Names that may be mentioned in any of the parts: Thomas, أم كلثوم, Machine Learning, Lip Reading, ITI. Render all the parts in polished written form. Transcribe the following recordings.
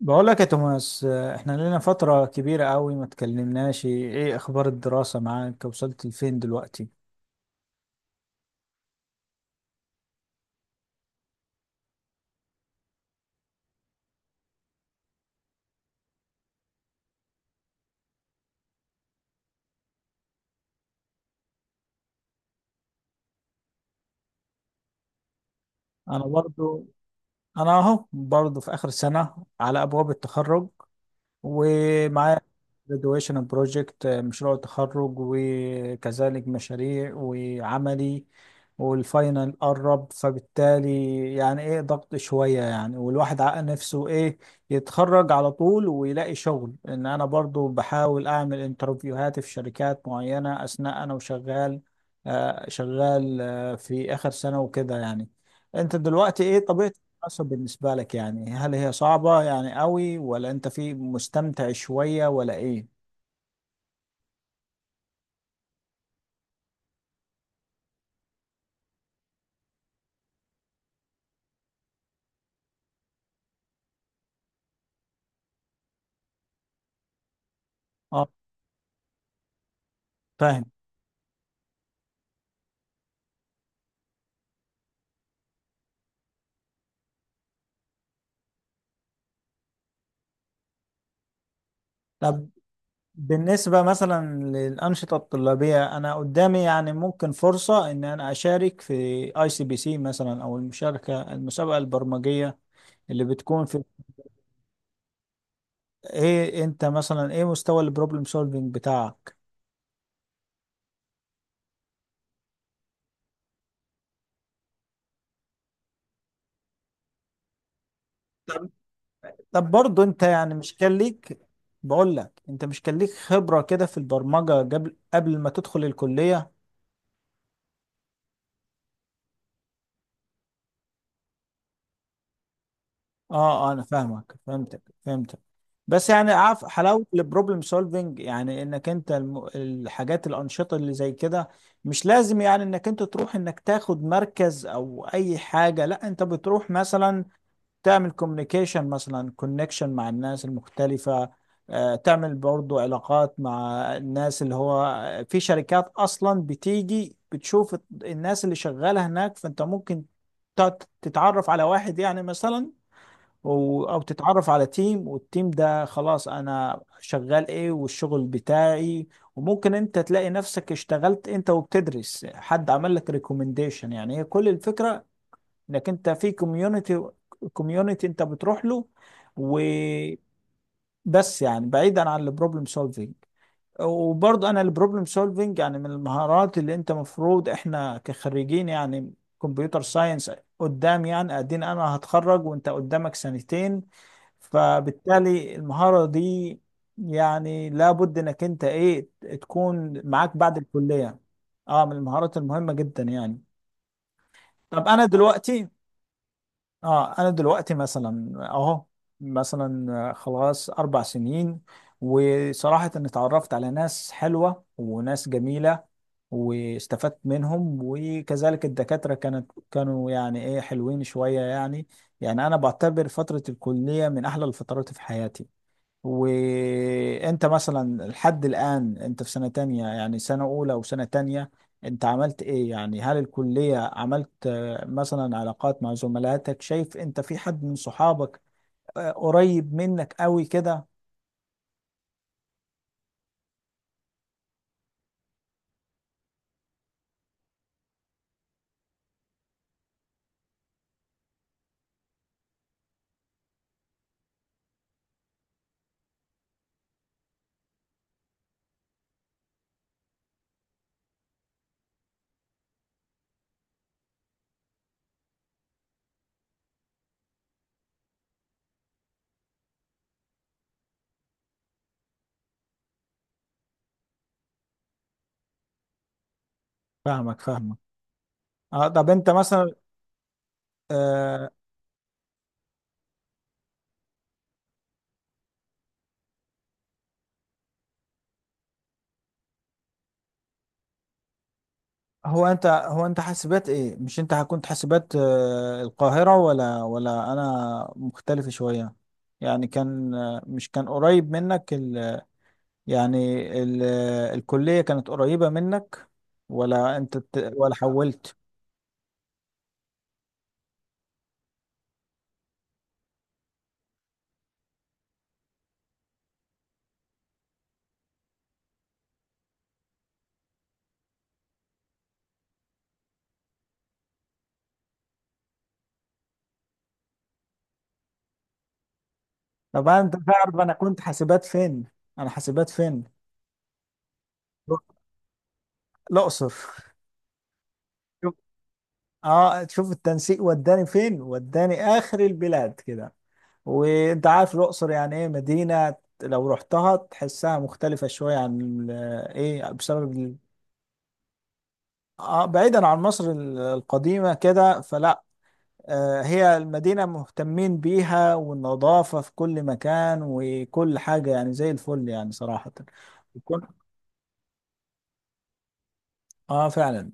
بقول لك يا توماس احنا لنا فترة كبيرة قوي ما اتكلمناش. ايه اخبار الدراسة معاك؟ وصلت لفين دلوقتي؟ انا برضو. انا اهو برضو في اخر سنة على ابواب التخرج، ومعايا graduation project، مشروع التخرج وكذلك مشاريع وعملي، والفاينل قرب، فبالتالي يعني ايه ضغط شوية يعني، والواحد عقل نفسه ايه يتخرج على طول ويلاقي شغل. ان انا برضو بحاول اعمل انترفيوهات في شركات معينة اثناء انا وشغال، شغال في اخر سنة وكده يعني. انت دلوقتي ايه طبيعة حسب بالنسبة لك يعني؟ هل هي صعبة يعني قوي ولا انت في مستمتع شوية ولا ايه؟ اه، فاهم. طب بالنسبة مثلا للأنشطة الطلابية، أنا قدامي يعني ممكن فرصة إن أنا أشارك في أي سي بي سي مثلا، أو المشاركة المسابقة البرمجية اللي بتكون في، إيه أنت مثلا إيه مستوى البروبلم سولفينج بتاعك؟ طب برضه أنت يعني مش كان ليك، بقول لك أنت مش كان ليك خبرة كده في البرمجة قبل ما تدخل الكلية؟ اه، انا فاهمك، فهمتك. بس يعني عارف حلاوه البروبلم سولفنج، يعني انك انت الحاجات الانشطه اللي زي كده، مش لازم يعني انك انت تروح انك تاخد مركز او اي حاجه، لا، انت بتروح مثلا تعمل كوميونيكيشن مثلا، كونكشن مع الناس المختلفه، تعمل برضو علاقات مع الناس اللي هو في شركات اصلا بتيجي بتشوف الناس اللي شغاله هناك، فانت ممكن تتعرف على واحد يعني مثلا، او تتعرف على تيم، والتيم ده خلاص انا شغال ايه والشغل بتاعي، وممكن انت تلاقي نفسك اشتغلت انت وبتدرس، حد عمل لك ريكومنديشن. يعني هي كل الفكرة انك انت في كوميونتي، كوميونتي انت بتروح له وبس. يعني بعيدا عن البروبلم سولفينج، وبرضه انا البروبلم سولفنج يعني من المهارات اللي انت مفروض، احنا كخريجين يعني كمبيوتر ساينس قدام يعني، ادينا انا هتخرج وانت قدامك سنتين، فبالتالي المهارة دي يعني لابد انك انت ايه تكون معاك بعد الكلية. اه، من المهارات المهمة جدا يعني. طب انا دلوقتي، اه انا دلوقتي مثلا اهو مثلا خلاص اربع سنين، وصراحة اني اتعرفت على ناس حلوة وناس جميلة، واستفدت منهم، وكذلك الدكاترة كانوا يعني ايه حلوين شوية يعني. يعني انا بعتبر فترة الكلية من احلى الفترات في حياتي. وانت مثلا لحد الان انت في سنة تانية، يعني سنة اولى وسنة تانية انت عملت ايه يعني؟ هل الكلية عملت مثلا علاقات مع زملاتك؟ شايف انت في حد من صحابك قريب منك قوي كده؟ فاهمك. اه طب انت مثلا آه، هو انت حاسبات ايه؟ مش انت كنت حاسبات القاهرة ولا انا مختلف شوية؟ يعني كان مش كان قريب منك يعني الكلية كانت قريبة منك ولا انت ولا حولت؟ طبعا انت تعرف انا كنت حاسبات فين؟ انا حاسبات فين؟ الاقصر. شوف- اه تشوف التنسيق وداني فين، وداني اخر البلاد كده. وانت عارف الاقصر يعني ايه مدينة، لو رحتها تحسها مختلفة شوية عن ايه بسبب آه بعيدا عن مصر القديمة كده فلا، هي المدينة مهتمين بيها والنظافة في كل مكان، وكل حاجة يعني زي الفل يعني صراحة. يكون اه فعلا.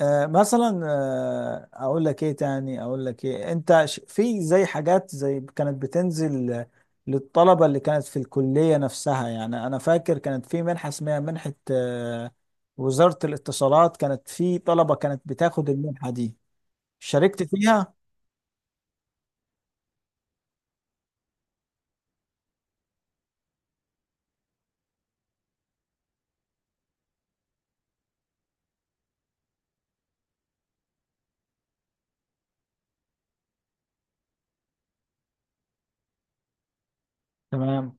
آه مثلا آه اقول لك ايه تاني، اقول لك ايه، انت في زي حاجات زي كانت بتنزل للطلبة اللي كانت في الكلية نفسها. يعني انا فاكر كانت في منحة اسمها منحة آه وزارة الاتصالات، كانت في طلبة كانت بتاخد المنحة دي. شاركت فيها؟ تمام.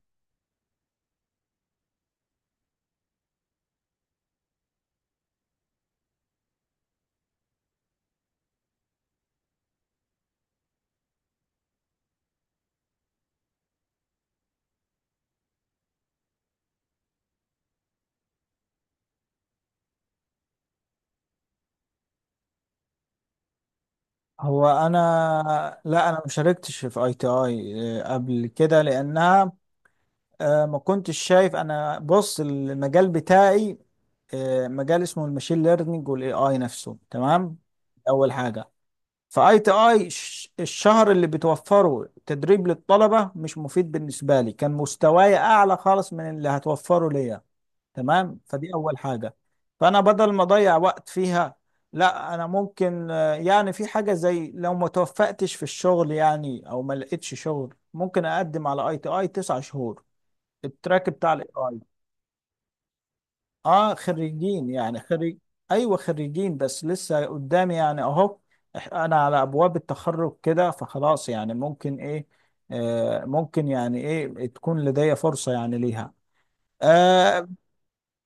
هو انا لا انا ما شاركتش في اي تي اي قبل كده لانها، ما كنتش شايف. انا بص المجال بتاعي مجال اسمه الماشين ليرنينج والاي اي نفسه، تمام، اول حاجه، فاي تي اي الشهر اللي بتوفره تدريب للطلبه مش مفيد بالنسبه لي، كان مستواي اعلى خالص من اللي هتوفره ليا، تمام، فدي اول حاجه. فانا بدل ما اضيع وقت فيها، لا، انا ممكن يعني في حاجه زي لو ما توفقتش في الشغل يعني او ما لقيتش شغل، ممكن اقدم على اي تي اي تسع شهور، التراك بتاع الاي اي. اه خريجين، يعني خريج. ايوه خريجين. بس لسه قدامي يعني اهو، انا على ابواب التخرج كده، فخلاص يعني ممكن ايه آه ممكن يعني ايه تكون لدي فرصه يعني ليها. آه،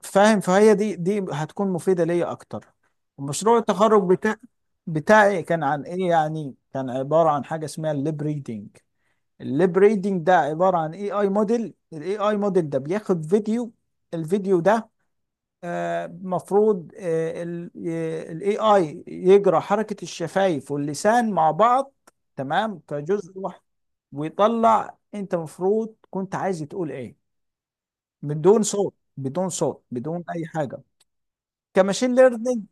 فاهم، فهي دي هتكون مفيدة ليا اكتر. ومشروع التخرج بتاعي كان عن ايه يعني؟ كان عبارة عن حاجة اسمها الليب ريدنج. الليب ريدنج ده عبارة عن اي اي موديل، الاي اي موديل ده بياخد فيديو، الفيديو ده مفروض الاي اي يجرى حركة الشفايف واللسان مع بعض، تمام، كجزء واحد، ويطلع انت مفروض كنت عايز تقول ايه، بدون صوت، بدون صوت بدون اي حاجة، كماشين ليرنينج.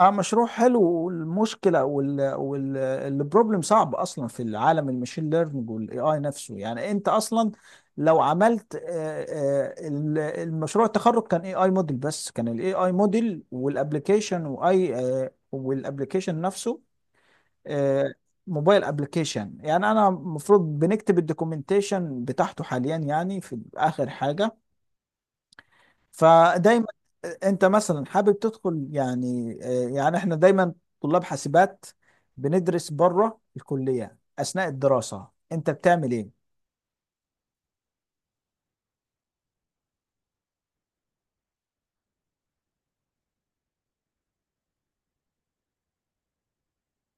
اه مشروع حلو، والمشكله وال والبروبلم صعب اصلا في العالم الماشين ليرنينج والاي اي نفسه. يعني انت اصلا لو عملت المشروع التخرج كان اي اي موديل بس، كان الاي اي موديل والابلكيشن، واي آه، والابلكيشن نفسه آه، موبايل ابلكيشن. يعني انا المفروض بنكتب الدوكيومنتيشن بتاعته حاليا يعني، في اخر حاجه. فدايما انت مثلا حابب تدخل يعني يعني احنا دايما طلاب حاسبات بندرس بره الكلية اثناء الدراسة، انت بتعمل ايه؟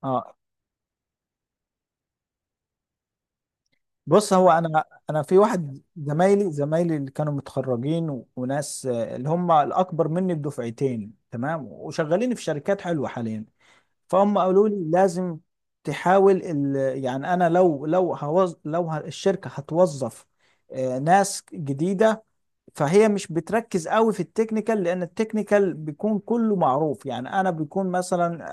اه بص، هو انا انا في واحد زمايلي، زمايلي اللي كانوا متخرجين، وناس اللي هم الاكبر مني بدفعتين، تمام، وشغالين في شركات حلوة حاليا، فهم قالوا لي لازم تحاول ال... يعني انا لو الشركة هتوظف ناس جديدة، فهي مش بتركز قوي في التكنيكال لان التكنيكال بيكون كله معروف. يعني انا بيكون مثلا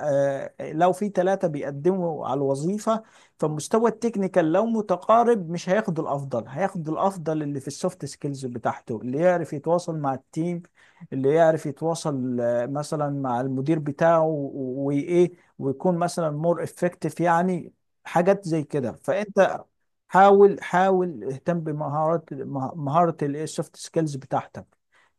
لو في ثلاثة بيقدموا على الوظيفة، فمستوى التكنيكال لو متقارب مش هياخد الافضل، هياخد الافضل اللي في السوفت سكيلز بتاعته، اللي يعرف يتواصل مع التيم، اللي يعرف يتواصل مثلا مع المدير بتاعه، وايه ويكون مثلا مور افكتيف يعني، حاجات زي كده. فانت حاول اهتم بمهارات مهارة السوفت سكيلز بتاعتك.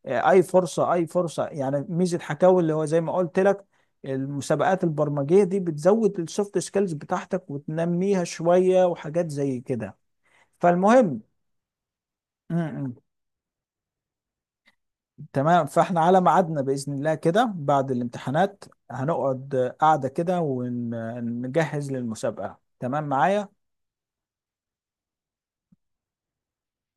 اي فرصه يعني ميزه حكاوي اللي هو زي ما قلت لك المسابقات البرمجيه دي بتزود السوفت سكيلز بتاعتك وتنميها شويه وحاجات زي كده. فالمهم م- م. تمام، فاحنا على ميعادنا باذن الله كده بعد الامتحانات، هنقعد قاعده كده ونجهز للمسابقه، تمام معايا.